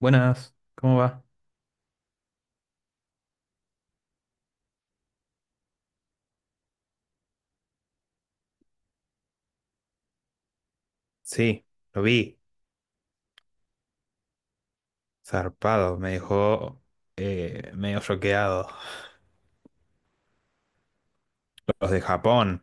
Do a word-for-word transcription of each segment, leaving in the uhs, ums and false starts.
Buenas, ¿cómo va? Sí, lo vi, zarpado, me dejó eh, medio choqueado. Los de Japón.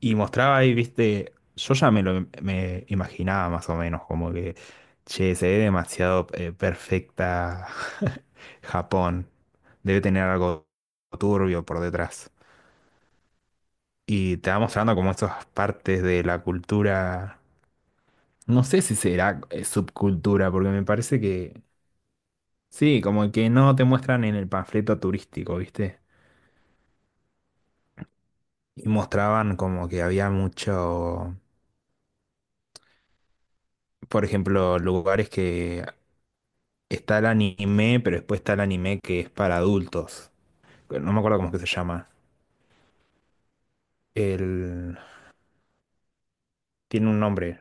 Y mostraba ahí, viste, yo ya me lo me imaginaba más o menos, como que, che, se ve demasiado eh, perfecta Japón. Debe tener algo turbio por detrás. Y te va mostrando como esas partes de la cultura, no sé si será eh, subcultura, porque me parece que sí, como que no te muestran en el panfleto turístico, ¿viste? Y mostraban como que había mucho, por ejemplo, lugares que está el anime, pero después está el anime que es para adultos. No me acuerdo cómo es que se llama. El... Tiene un nombre,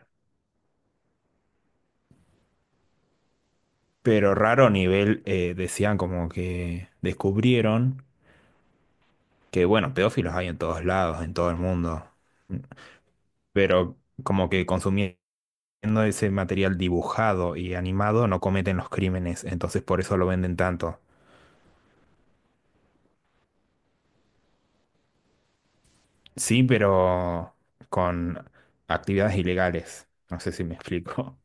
pero raro a nivel, eh, decían como que descubrieron que, bueno, pedófilos hay en todos lados, en todo el mundo, pero como que consumían. Siendo ese material dibujado y animado, no cometen los crímenes, entonces por eso lo venden tanto. Sí, pero con actividades ilegales. No sé si me explico.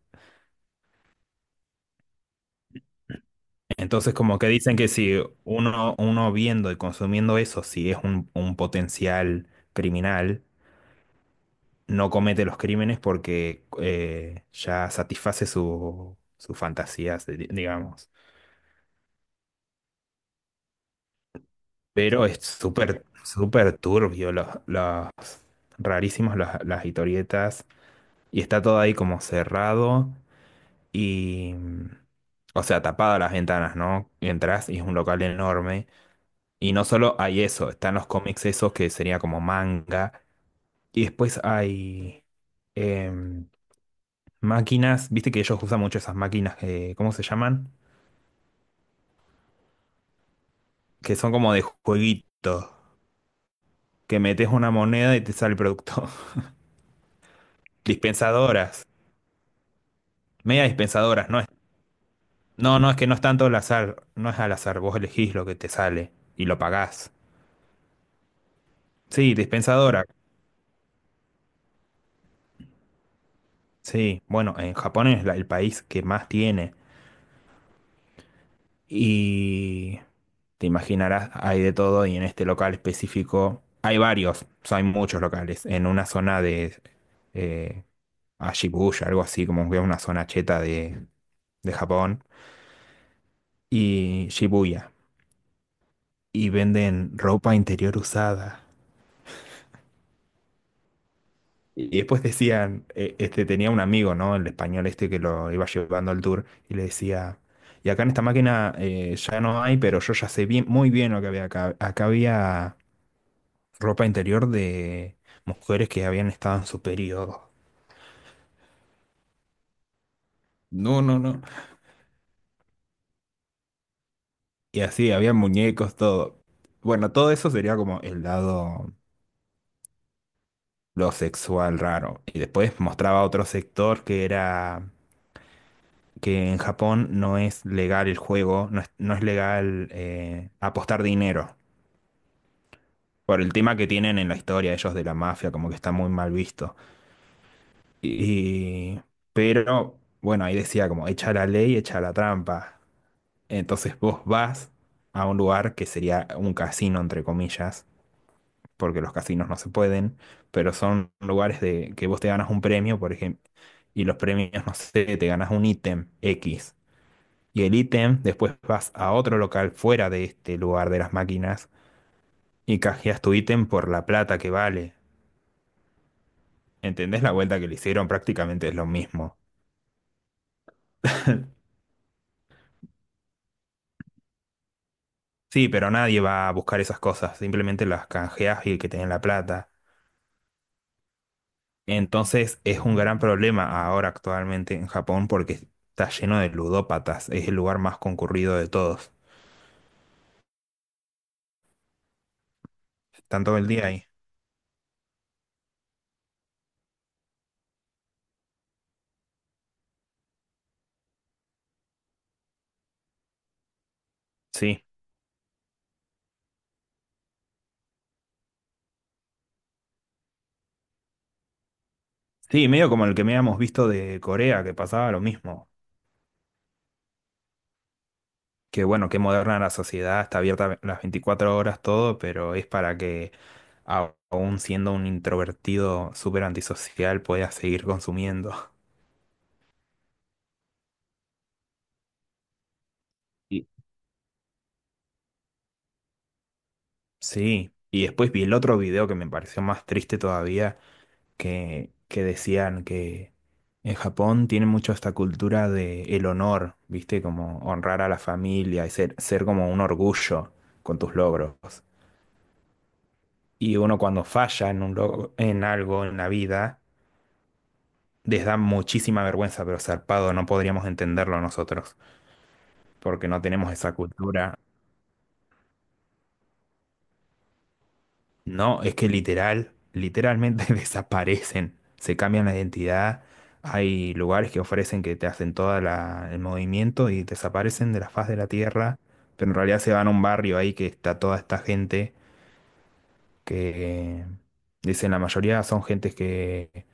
Entonces, como que dicen que si uno, uno viendo y consumiendo eso, si es un, un potencial criminal, no comete los crímenes porque eh, ya satisface su, sus fantasías, di- digamos. Pero es súper, súper turbio los, los rarísimos los- las historietas. Y está todo ahí como cerrado y, mm, o sea, tapadas las ventanas, ¿no? Y entrás y es un local enorme. Y no solo hay eso, están los cómics esos que sería como manga. Y después hay em, máquinas, viste que ellos usan mucho esas máquinas, que, ¿cómo se llaman? Que son como de jueguito, que metes una moneda y te sale el producto. Dispensadoras, media dispensadoras, no es, no, no, es que no es tanto al azar, no es al azar, vos elegís lo que te sale y lo pagás. Sí, dispensadora. Sí, bueno, en Japón es la- el país que más tiene. Y te imaginarás, hay de todo y en este local específico hay varios, o sea, hay muchos locales. En una zona de eh, a Shibuya, algo así, como que una zona cheta de, de Japón. Y Shibuya. Y venden ropa interior usada. Y después decían, eh, este tenía un amigo, ¿no? El español este que lo iba llevando al tour y le decía, y acá en esta máquina eh, ya no hay, pero yo ya sé bien, muy bien lo que había acá. Acá había ropa interior de mujeres que habían estado en su periodo. No, no, no. Y así, había muñecos, todo. Bueno, todo eso sería como el lado, lo sexual raro. Y después mostraba otro sector que era que en Japón no es legal el juego, no es, no es legal eh, apostar dinero. Por el tema que tienen en la historia ellos de la mafia, como que está muy mal visto. Y, pero, bueno, ahí decía como, echa la ley, echa la trampa. Entonces vos vas a un lugar que sería un casino, entre comillas, porque los casinos no se pueden, pero son lugares de que vos te ganas un premio, por ejemplo, y los premios, no sé, te ganas un ítem X. Y el ítem, después vas a otro local fuera de este lugar de las máquinas y canjeas tu ítem por la plata que vale. ¿Entendés la vuelta que le hicieron? Prácticamente es lo mismo. Sí, pero nadie va a buscar esas cosas, simplemente las canjeas y el que tiene la plata. Entonces es un gran problema ahora actualmente en Japón porque está lleno de ludópatas, es el lugar más concurrido de todos. Están todo el día ahí. Sí, sí, medio como el que habíamos visto de Corea, que pasaba lo mismo. Que bueno, qué moderna la sociedad, está abierta las veinticuatro horas todo, pero es para que a- aún siendo un introvertido súper antisocial puedas seguir consumiendo. Y sí, y después vi el otro video que me pareció más triste todavía, que, que decían que en Japón tienen mucho esta cultura de el honor, ¿viste? Como honrar a la familia y ser, ser como un orgullo con tus logros. Y uno cuando falla en un logro, en algo en la vida, les da muchísima vergüenza, pero zarpado, no podríamos entenderlo nosotros, porque no tenemos esa cultura. No, es que literal, literalmente desaparecen, se cambian la identidad. Hay lugares que ofrecen que te hacen todo el movimiento y desaparecen de la faz de la tierra, pero en realidad se van a un barrio ahí que está toda esta gente que, dicen, la mayoría son gentes que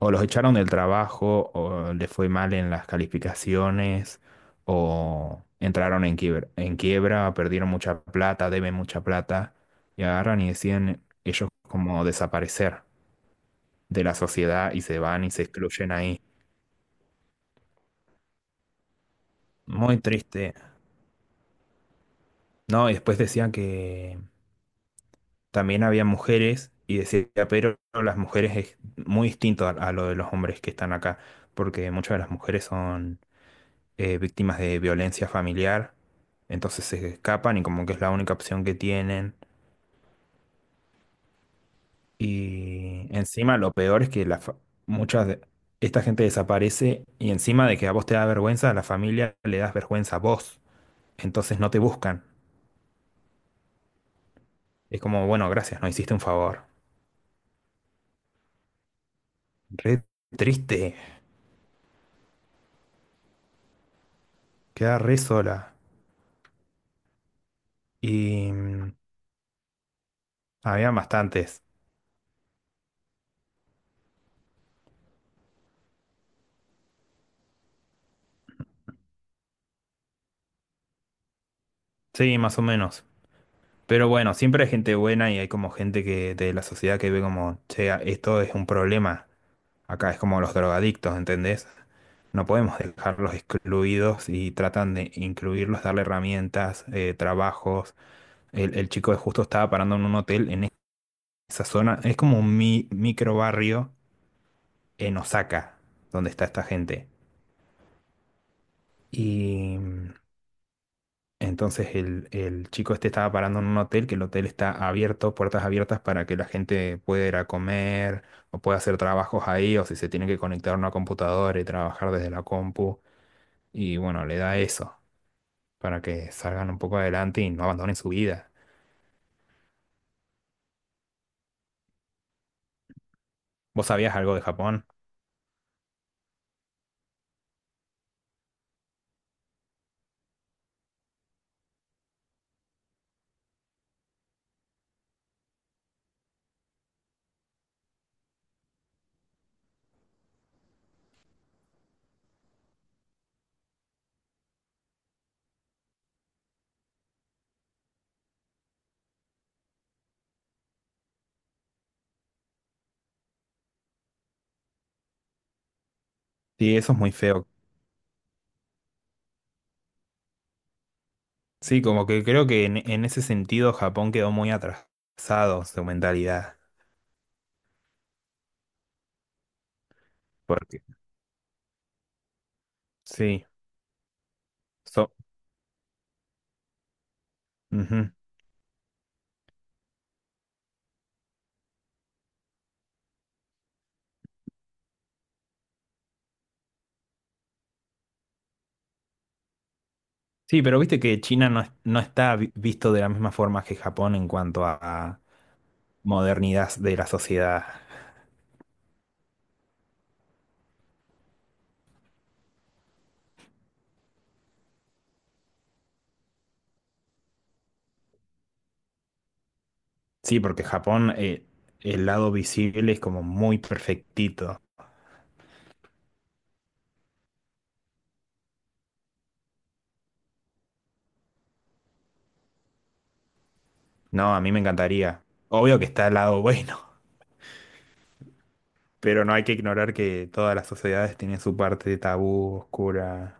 o los echaron del trabajo, o les fue mal en las calificaciones, o entraron en quiebra, en quiebra, perdieron mucha plata, deben mucha plata, y agarran y deciden ellos como desaparecer de la sociedad y se van y se excluyen ahí. Muy triste. No, y después decían que también había mujeres, y decía, pero las mujeres es muy distinto a a lo de los hombres que están acá, porque muchas de las mujeres son eh, víctimas de violencia familiar, entonces se escapan y como que es la única opción que tienen. Y encima lo peor es que la fa- muchas de esta gente desaparece y encima de que a vos te da vergüenza, a la familia le das vergüenza a vos, entonces no te buscan. Es como, bueno, gracias, no hiciste un favor. Re triste, queda re sola. Y mm, había bastantes, sí, más o menos. Pero bueno, siempre hay gente buena y hay como gente que de la sociedad que ve como, che, esto es un problema. Acá es como los drogadictos, ¿entendés? No podemos dejarlos excluidos y tratan de incluirlos, darle herramientas, eh, trabajos. El, el chico de justo estaba parando en un hotel en esa zona. Es como un mi- micro barrio en Osaka, donde está esta gente. Y mm, entonces el, el chico este estaba parando en un hotel, que el hotel está abierto, puertas abiertas para que la gente pueda ir a comer o pueda hacer trabajos ahí, o si se tiene que conectar a una computadora y trabajar desde la compu. Y bueno, le da eso para que salgan un poco adelante y no abandonen su vida. ¿Vos sabías algo de Japón? Sí, eso es muy feo. Sí, como que creo que en, en ese sentido Japón quedó muy atrasado su mentalidad. Porque sí, so- ujú. Sí, pero viste que China no, es- no está vi- visto de la misma forma que Japón en cuanto a, a modernidad de la sociedad. Sí, porque Japón, eh, el lado visible es como muy perfectito. No, a mí me encantaría. Obvio que está el lado bueno, pero no hay que ignorar que todas las sociedades tienen su parte tabú, oscura.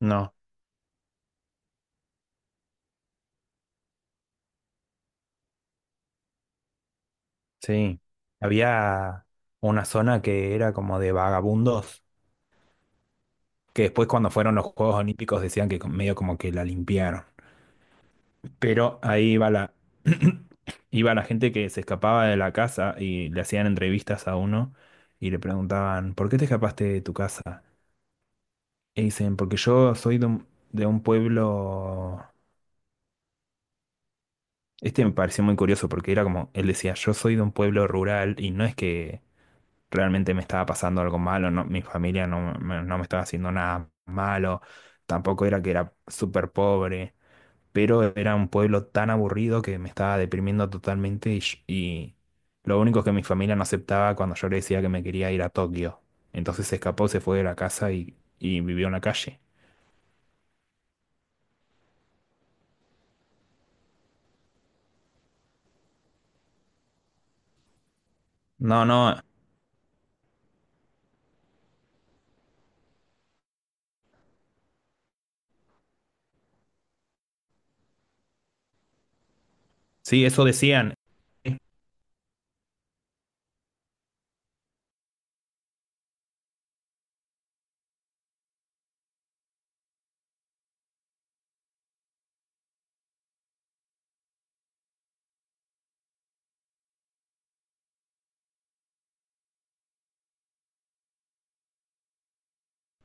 No, sí. Había una zona que era como de vagabundos, que después cuando fueron los Juegos Olímpicos decían que medio como que la limpiaron. Pero ahí iba la, iba la gente que se escapaba de la casa y le hacían entrevistas a uno y le preguntaban, ¿por qué te escapaste de tu casa? Y dicen, porque yo soy de un, de un pueblo. Este me pareció muy curioso porque era como, él decía, yo soy de un pueblo rural y no es que realmente me estaba pasando algo malo, no, mi familia no me, no me estaba haciendo nada malo, tampoco era que era súper pobre, pero era un pueblo tan aburrido que me estaba deprimiendo totalmente y, sh- y lo único que mi familia no aceptaba cuando yo le decía que me quería ir a Tokio. Entonces se escapó, se fue de la casa y, y vivió en la calle. No, no, sí, eso decían.